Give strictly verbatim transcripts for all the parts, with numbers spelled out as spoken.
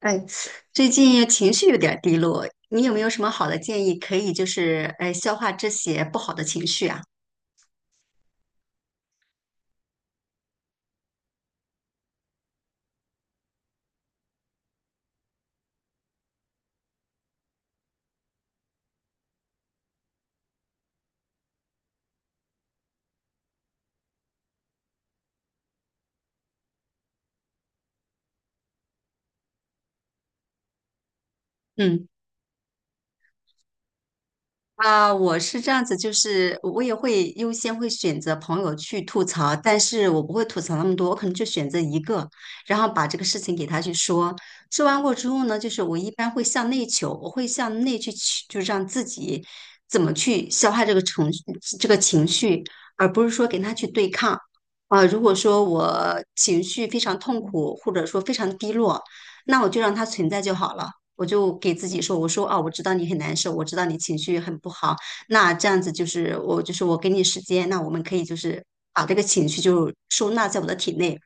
哎，最近情绪有点儿低落，你有没有什么好的建议可以就是哎消化这些不好的情绪啊？嗯。啊，我是这样子，就是我也会优先会选择朋友去吐槽，但是我不会吐槽那么多，我可能就选择一个，然后把这个事情给他去说。说完过之后呢，就是我一般会向内求，我会向内去去，就让自己怎么去消化这个情绪，这个情绪，而不是说跟他去对抗。啊，如果说我情绪非常痛苦，或者说非常低落，那我就让它存在就好了。我就给自己说，我说啊，我知道你很难受，我知道你情绪很不好，那这样子就是我就是我给你时间，那我们可以就是把这个情绪就收纳在我的体内，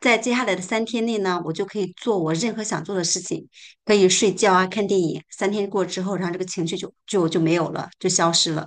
在接下来的三天内呢，我就可以做我任何想做的事情，可以睡觉啊，看电影。三天过之后，然后这个情绪就就就没有了，就消失了。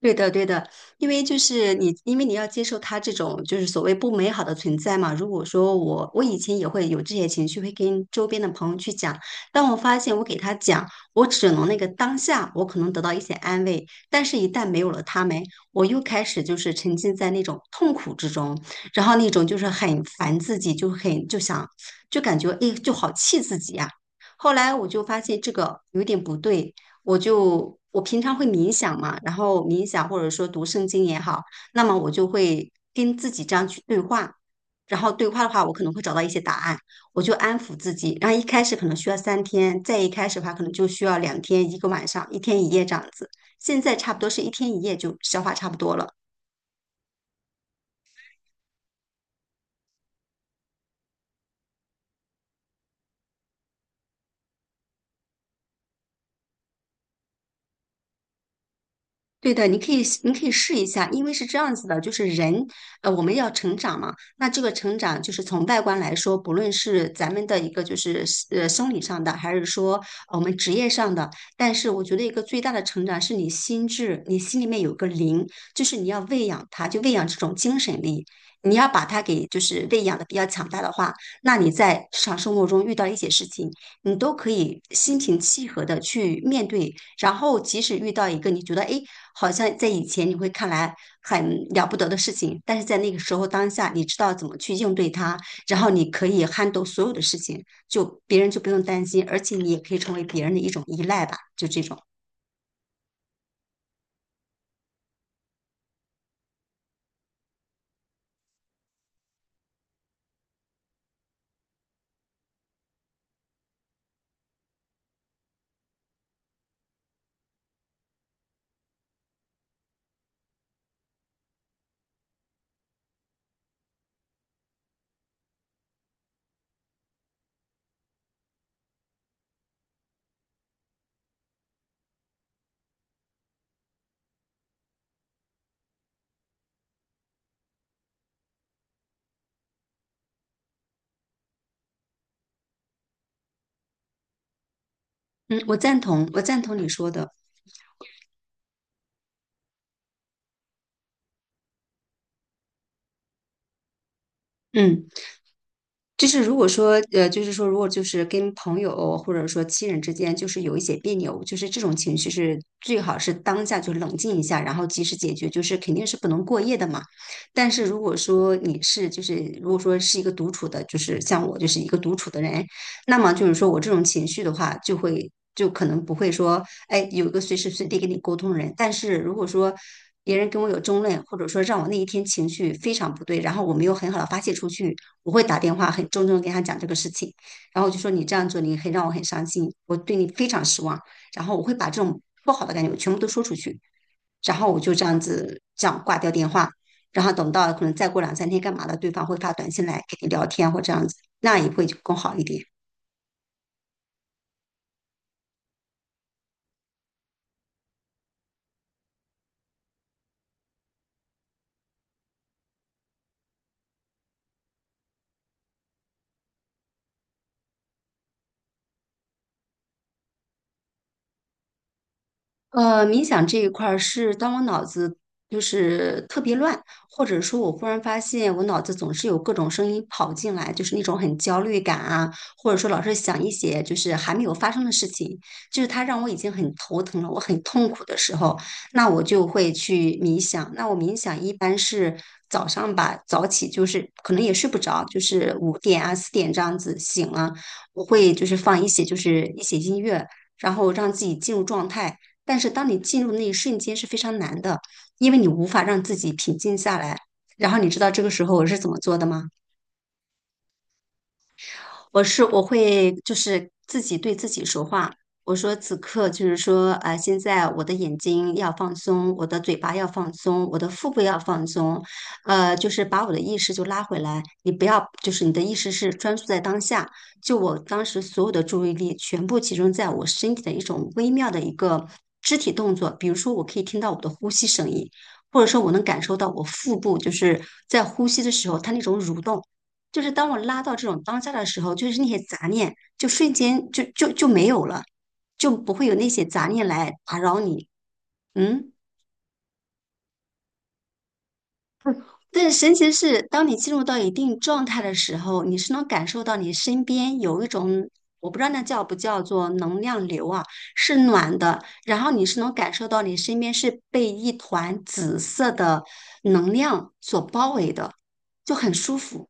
对的，对的，因为就是你，因为你要接受他这种就是所谓不美好的存在嘛。如果说我，我以前也会有这些情绪，会跟周边的朋友去讲。当我发现我给他讲，我只能那个当下，我可能得到一些安慰，但是一旦没有了他们，我又开始就是沉浸在那种痛苦之中，然后那种就是很烦自己，就很就想就感觉哎，就好气自己呀、后来我就发现这个有点不对，我就我平常会冥想嘛，然后冥想或者说读圣经也好，那么我就会跟自己这样去对话，然后对话的话，我可能会找到一些答案，我就安抚自己。然后一开始可能需要三天，再一开始的话可能就需要两天，一个晚上，一天一夜这样子。现在差不多是一天一夜就消化差不多了。对的，你可以你可以试一下，因为是这样子的，就是人，呃，我们要成长嘛。那这个成长就是从外观来说，不论是咱们的一个就是呃生理上的，还是说呃我们职业上的，但是我觉得一个最大的成长是你心智，你心里面有个灵，就是你要喂养它，就喂养这种精神力。你要把它给就是喂养的比较强大的话，那你在日常生活中遇到一些事情，你都可以心平气和的去面对，然后即使遇到一个你觉得哎好像在以前你会看来很了不得的事情，但是在那个时候当下，你知道怎么去应对它，然后你可以撼动所有的事情，就别人就不用担心，而且你也可以成为别人的一种依赖吧，就这种。嗯，我赞同，我赞同你说的。嗯。就是如果说，呃，就是说，如果就是跟朋友或者说亲人之间，就是有一些别扭，就是这种情绪是最好是当下就冷静一下，然后及时解决，就是肯定是不能过夜的嘛。但是如果说你是就是如果说是一个独处的，就是像我就是一个独处的人，那么就是说我这种情绪的话，就会就可能不会说，哎，有一个随时随地跟你沟通的人。但是如果说别人跟我有争论，或者说让我那一天情绪非常不对，然后我没有很好的发泄出去，我会打电话很郑重地跟他讲这个事情，然后我就说你这样做，你很让我很伤心，我对你非常失望，然后我会把这种不好的感觉我全部都说出去，然后我就这样子这样挂掉电话。然后等到可能再过两三天干嘛的，对方会发短信来跟你聊天或这样子，那也会更好一点。呃，冥想这一块儿是当我脑子就是特别乱，或者说我忽然发现我脑子总是有各种声音跑进来，就是那种很焦虑感啊，或者说老是想一些就是还没有发生的事情，就是它让我已经很头疼了，我很痛苦的时候，那我就会去冥想。那我冥想一般是早上吧，早起就是可能也睡不着，就是五点啊四点这样子醒了，我会就是放一些就是一些音乐，然后让自己进入状态。但是当你进入那一瞬间是非常难的，因为你无法让自己平静下来。然后你知道这个时候我是怎么做的吗？我是我会就是自己对自己说话，我说此刻就是说，啊，现在我的眼睛要放松，我的嘴巴要放松，我的腹部要放松，呃，就是把我的意识就拉回来，你不要就是你的意识是专注在当下，就我当时所有的注意力全部集中在我身体的一种微妙的一个肢体动作，比如说我可以听到我的呼吸声音。或者说我能感受到我腹部就是在呼吸的时候，它那种蠕动，就是当我拉到这种当下的时候，就是那些杂念就瞬间就就就没有了，就不会有那些杂念来打扰你。嗯，但是神奇的是，当你进入到一定状态的时候，你是能感受到你身边有一种。我不知道那叫不叫做能量流啊，是暖的，然后你是能感受到你身边是被一团紫色的能量所包围的，就很舒服。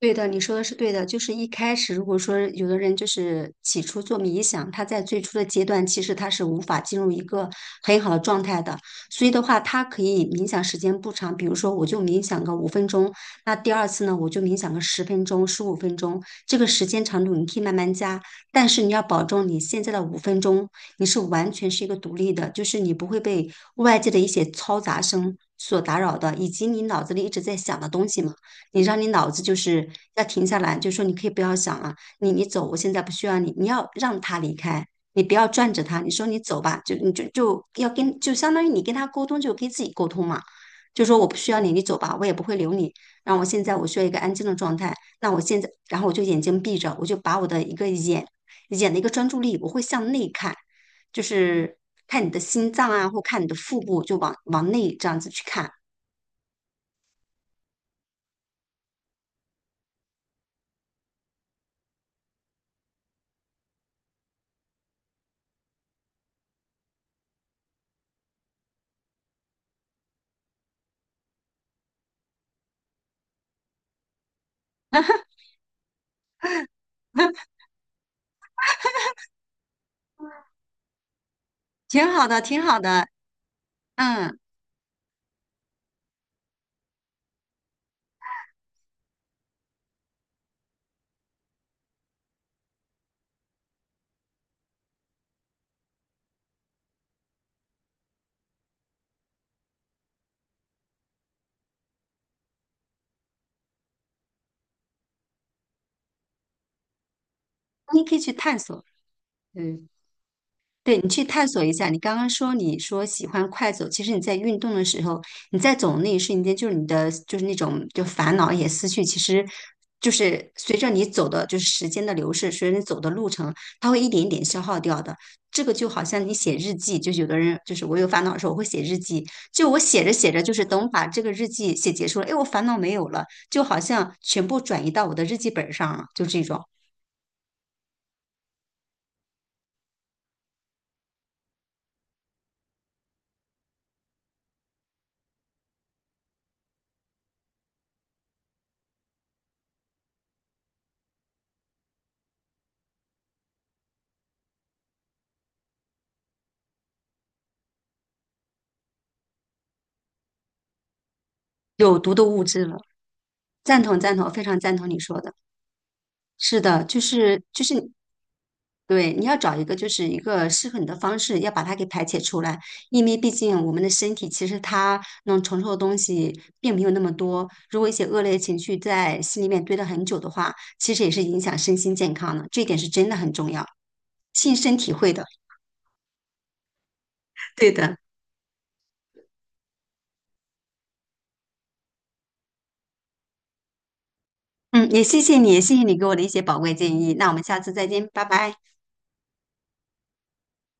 对的，你说的是对的。就是一开始，如果说有的人就是起初做冥想，他在最初的阶段，其实他是无法进入一个很好的状态的。所以的话，他可以冥想时间不长，比如说我就冥想个五分钟，那第二次呢，我就冥想个十分钟、十五分钟，这个时间长度你可以慢慢加。但是你要保证你现在的五分钟，你是完全是一个独立的，就是你不会被外界的一些嘈杂声所打扰的，以及你脑子里一直在想的东西嘛。你让你脑子就是要停下来，就说你可以不要想了，你你走，我现在不需要你，你要让他离开，你不要拽着他，你说你走吧，就你就就要跟就相当于你跟他沟通，就跟自己沟通嘛，就说我不需要你，你走吧，我也不会留你，然后我现在我需要一个安静的状态，那我现在然后我就眼睛闭着，我就把我的一个眼眼的一个专注力，我会向内看，就是看你的心脏啊，或看你的腹部，就往往内这样子去看，挺好的，挺好的，嗯。你可以去探索，嗯，对你去探索一下。你刚刚说你说喜欢快走，其实你在运动的时候，你在走的那一瞬间，就是你的就是那种就烦恼也思绪，其实就是随着你走的就是时间的流逝，随着你走的路程，它会一点一点消耗掉的。这个就好像你写日记，就有的人就是我有烦恼的时候，我会写日记，就我写着写着，就是等我把这个日记写结束了，哎，我烦恼没有了，就好像全部转移到我的日记本上了，就这种有毒的物质了。赞同赞同，非常赞同你说的。是的，就是就是对，你要找一个就是一个适合你的方式，要把它给排解出来。因为毕竟我们的身体其实它能承受的东西并没有那么多。如果一些恶劣情绪在心里面堆了很久的话，其实也是影响身心健康的。这一点是真的很重要，亲身体会的。对的，嗯，也谢谢你，谢谢你给我的一些宝贵建议。那我们下次再见，拜拜。